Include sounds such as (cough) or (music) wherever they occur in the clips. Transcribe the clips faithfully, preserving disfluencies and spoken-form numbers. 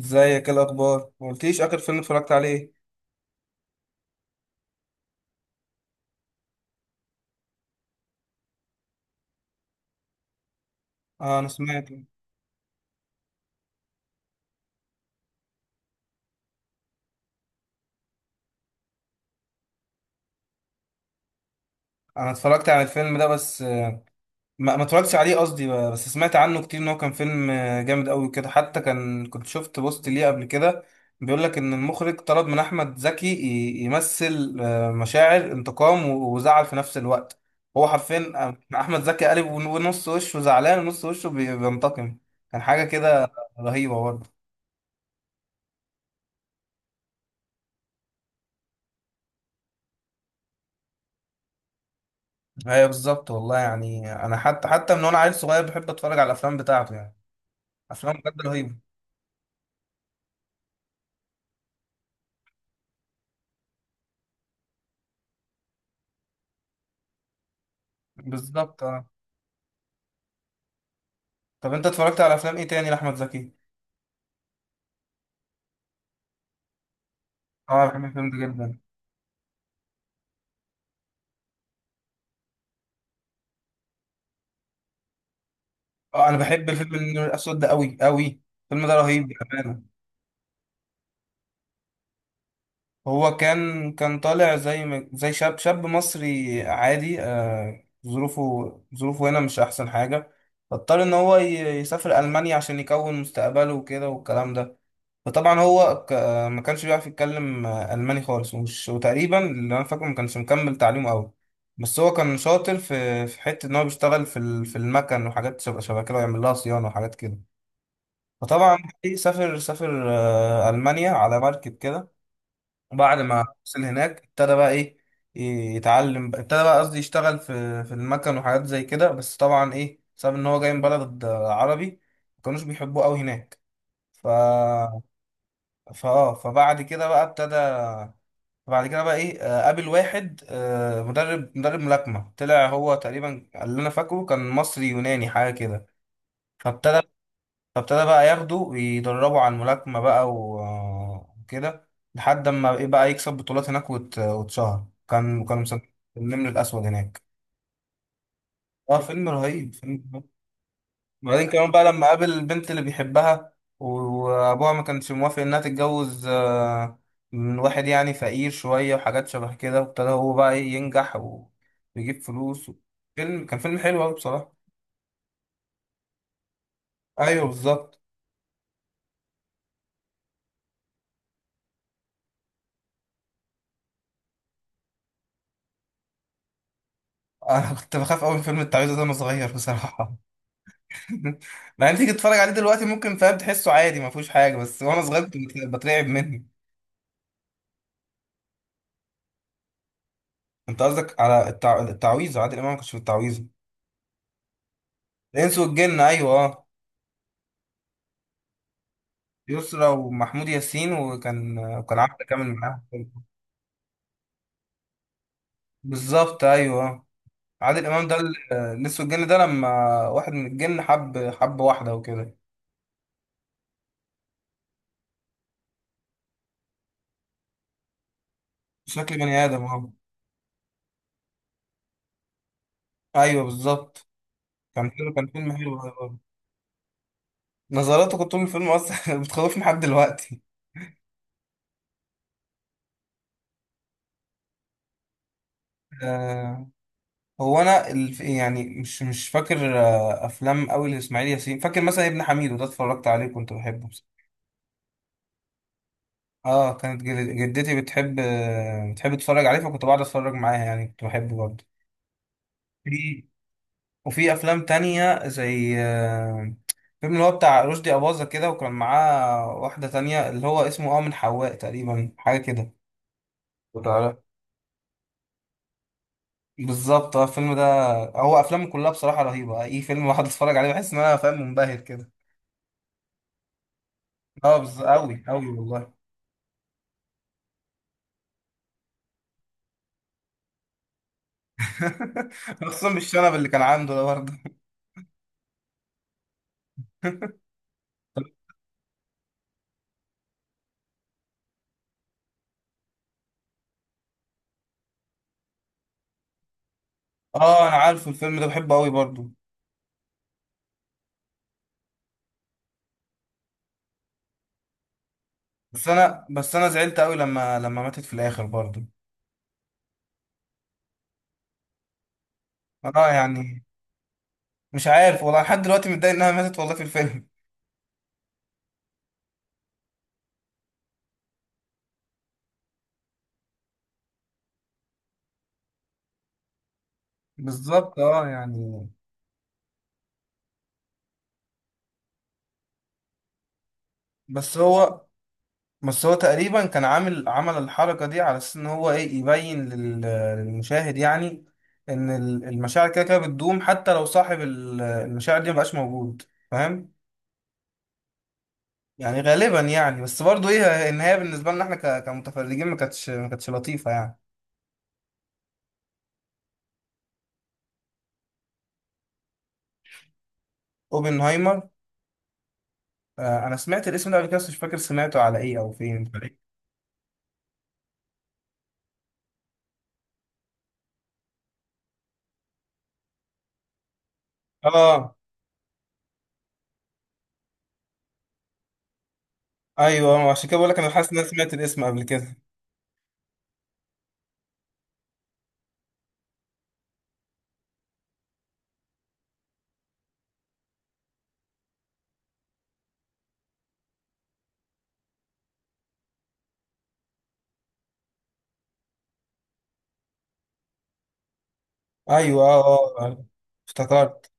ازيك؟ ايه الاخبار؟ ما قلتليش اخر فيلم اتفرجت عليه. اه انا سمعت. انا اتفرجت على الفيلم ده بس آه، ما ما اتفرجتش عليه قصدي بقى، بس سمعت عنه كتير ان هو كان فيلم آه، جامد قوي كده، حتى كان كنت شفت بوست ليه قبل كده بيقول لك ان المخرج طلب من احمد زكي ي- يمثل آه، مشاعر انتقام و- وزعل في نفس الوقت. هو حرفيا آه، احمد زكي قالب ون- ونص وشه زعلان ونص وشه بي- بينتقم. كان حاجة كده رهيبة برضه. ايوه بالظبط والله، يعني انا حتى حتى من وانا عيل صغير بحب اتفرج على الافلام بتاعته يعني، افلام بجد رهيبه. بالظبط اه. طب انت اتفرجت على افلام ايه تاني لاحمد زكي؟ اه انا بحب الفيلم ده جدا. اه انا بحب الفيلم النور الاسود ده قوي قوي، الفيلم ده رهيب بامانه. هو كان كان طالع زي ما- زي شاب شاب مصري عادي، آه ظروفه، ظروفه هنا مش احسن حاجه، فاضطر ان هو ي- يسافر المانيا عشان يكون مستقبله وكده والكلام ده. فطبعا هو ك... ما كانش بيعرف يتكلم آه، الماني خالص، ومش وتقريبا اللي انا فاكره ما كانش مكمل تعليمه قوي. بس هو كان شاطر في في حته ان هو بيشتغل في ال... في المكن وحاجات شبه شبه كده ويعمل لها صيانه وحاجات كده. فطبعا سافر سافر آه، المانيا على مركب كده، وبعد ما وصل هناك ابتدى بقى ايه، يتعلم، ابتدى بقى قصدي يشتغل في في المكن وحاجات زي كده، بس طبعا ايه بسبب ان هو جاي من بلد آه، عربي، ما كانوش بيحبوه قوي هناك. ف فاه فبعد كده بقى ابتدى، بعد كده بقى ايه آه، قابل واحد آه، مدرب مدرب ملاكمة، طلع هو تقريبا اللي انا فاكره كان مصري يوناني حاجة كده. فابتدى فابتدى بقى ياخده ويدربه على الملاكمة بقى و- آه، وكده، لحد ما ايه بقى يكسب بطولات هناك وات- واتشهر، كان كانوا مسمينه النمر الأسود هناك. اه فيلم رهيب، فيلم. وبعدين كمان بقى لما قابل البنت اللي بيحبها، و- وابوها ما كانش موافق انها تتجوز آه، من واحد يعني فقير شوية وحاجات شبه كده، وابتدى هو بقى إيه ينجح ويجيب فلوس. فيلم كان فيلم حلو قوي بصراحة. ايوه بالظبط. (laughs) انا كنت بخاف قوي من فيلم التعويذة ده وانا صغير بصراحة. (laughs) مع ان تيجي تتفرج عليه دلوقتي ممكن، فاهم، تحسه عادي ما فيهوش حاجة، بس وانا صغير كنت بترعب منه. انت قصدك على التع... التعويذة؟ عادل امام ما كانش في التعويذة. الانس والجن ايوه اه. يسرا ومحمود ياسين، وكان وكان عبده كامل معاه. بالظبط ايوه. عادل امام ده ال- لسه الجن ده لما واحد من الجن حب حب واحده وكده، شكل بني ادم اهو. ايوه بالظبط. كان فيلم، كان فيلم حلو أوي برضه. نظراته كنت طول الفيلم اصلا (laughs) بتخوفني لحد دلوقتي. آه. هو انا الف... يعني مش مش فاكر آه افلام قوي لاسماعيل ياسين، فاكر مثلا ابن حميد وده اتفرجت عليه كنت بحبه. اه كانت جد- جدتي بتحب بتحب تتفرج عليه فكنت بقعد اتفرج معاها يعني، كنت بحبه برضه. في وفي افلام تانية زي آه، فيلم اللي هو بتاع رشدي أباظة كده، وكان معاه واحدة تانية اللي هو اسمه اه من حواء تقريبا حاجة كده. وتعالى، بالظبط اه الفيلم ده. هو افلامه كلها بصراحة رهيبة، اي فيلم واحد اتفرج عليه بحس ان انا، فاهم، منبهر كده. اه بز... اوي اوي والله. (laughs) خصوصا بالشنب اللي كان عنده ده برضه. (laughs) اه انا عارف الفيلم ده بحبه اوي برضه. بس انا بس انا زعلت قوي لما لما ماتت في الاخر برضه. اه يعني مش عارف والله، لحد دلوقتي متضايق انها ماتت والله في الفيلم. بالظبط اه يعني. بس هو بس هو تقريبا كان عامل، عمل الحركة دي على اساس ان هو ايه يبين لل- للمشاهد يعني، ان ال- المشاعر كده كده بتدوم حتى لو صاحب ال- المشاعر دي مبقاش موجود. فاهم يعني؟ غالبا يعني، بس برضه ايه النهاية بالنسبة لنا احنا ك- كمتفرجين ما كانتش ما كانتش لطيفة يعني. اوبنهايمر، آه، انا سمعت الاسم ده قبل كده بس مش فاكر سمعته على ايه او فين فريق. اه ايوه عشان كده بقول لك انا حاسس ان انا سمعت الاسم قبل كده. ايوه اه. آه، آه. افتكرت.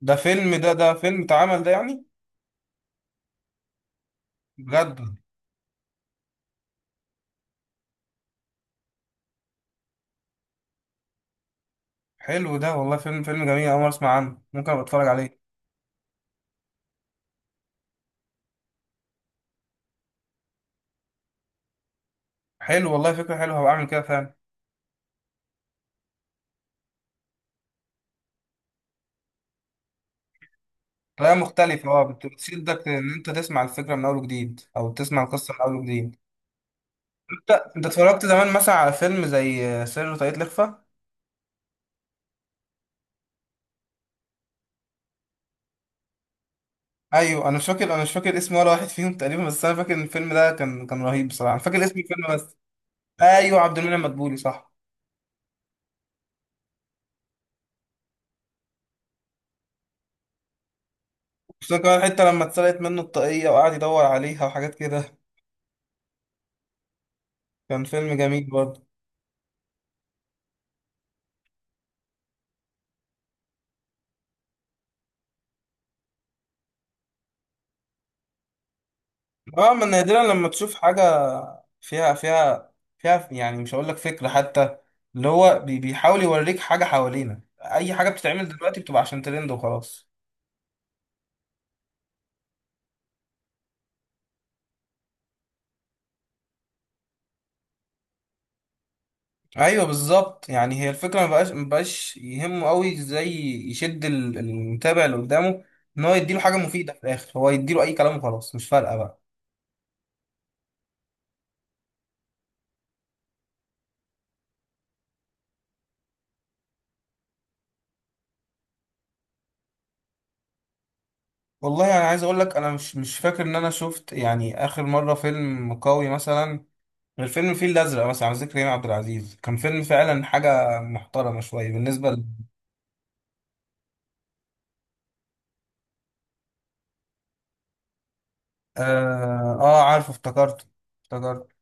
ده فيلم، ده ده فيلم اتعمل ده يعني؟ بجد؟ حلو ده والله، فيلم فيلم جميل، أول مرة أسمع عنه، ممكن أبقى أتفرج عليه. حلو والله، فكرة حلوة، هبقى أعمل كده فعلا. طريقة مختلفة أه، بت- بتشدك إن أنت تسمع الفكرة من أول وجديد، أو تسمع القصة من أول وجديد. أنت أنت اتفرجت زمان مثلا على فيلم زي سر وطاقية الإخفاء؟ ايوه انا مش فاكر، انا مش فاكر اسم ولا واحد فيهم تقريبا، بس انا فاكر ان الفيلم ده كان كان رهيب بصراحه، انا فاكر اسم الفيلم بس. ايوه عبد المنعم مدبولي صح. خصوصا كمان حتى لما اتسرقت منه الطاقيه وقعد يدور عليها وحاجات كده، كان فيلم جميل برضه. اه من نادرا لما تشوف حاجه فيها فيها فيها يعني، مش هقول لك فكره حتى، اللي هو بي- بيحاول يوريك حاجه حوالينا. اي حاجه بتتعمل دلوقتي بتبقى عشان ترند وخلاص. ايوه بالظبط يعني، هي الفكره ما بقاش ما بقاش يهمه قوي ازاي يشد ال- المتابع اللي قدامه، ان هو يديله حاجه مفيده في الاخر، هو يديله اي كلام وخلاص مش فارقه بقى. والله انا يعني عايز اقول لك انا مش مش فاكر ان انا شفت يعني اخر مره فيلم قوي مثلا، غير فيلم الفيل الازرق مثلا، على ذكر كريم عبد العزيز، كان فيلم فعلا حاجه محترمه شويه بالنسبه ل... اه, آه عارفه، افتكرته افتكرته.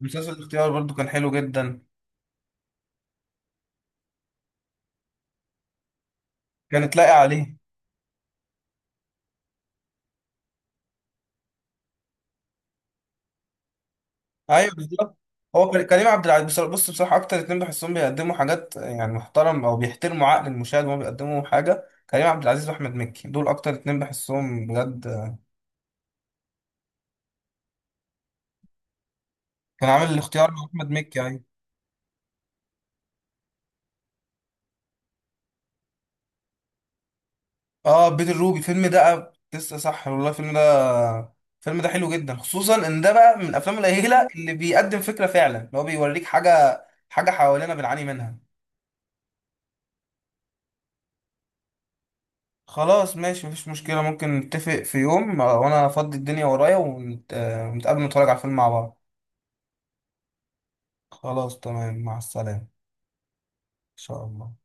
مسلسل الاختيار برضو كان حلو جدا. كانت لاقي عليه. ايوه بالظبط. هو كر- كريم عبد العزيز بص بص بصراحه اكتر اتنين بحسهم بيقدموا حاجات يعني محترم، او بيحترموا عقل المشاهد وهو بيقدموا حاجه، كريم عبد العزيز واحمد مكي، دول اكتر اتنين بحسهم بجد. كان عامل الاختيار مع احمد مكي يعني. اه بيت الروبي الفيلم ده لسه صح والله، الفيلم ده، الفيلم ده حلو جدا، خصوصا ان ده بقى من الافلام القليله اللي بيقدم فكره فعلا، اللي هو بيوريك حاجه، حاجه حوالينا بنعاني منها. خلاص ماشي مفيش مشكله، ممكن نتفق في يوم آه، وانا افضي الدنيا ورايا ونت- آه، ونتقابل نتفرج على الفيلم مع بعض. خلاص تمام، مع السلامة إن شاء الله.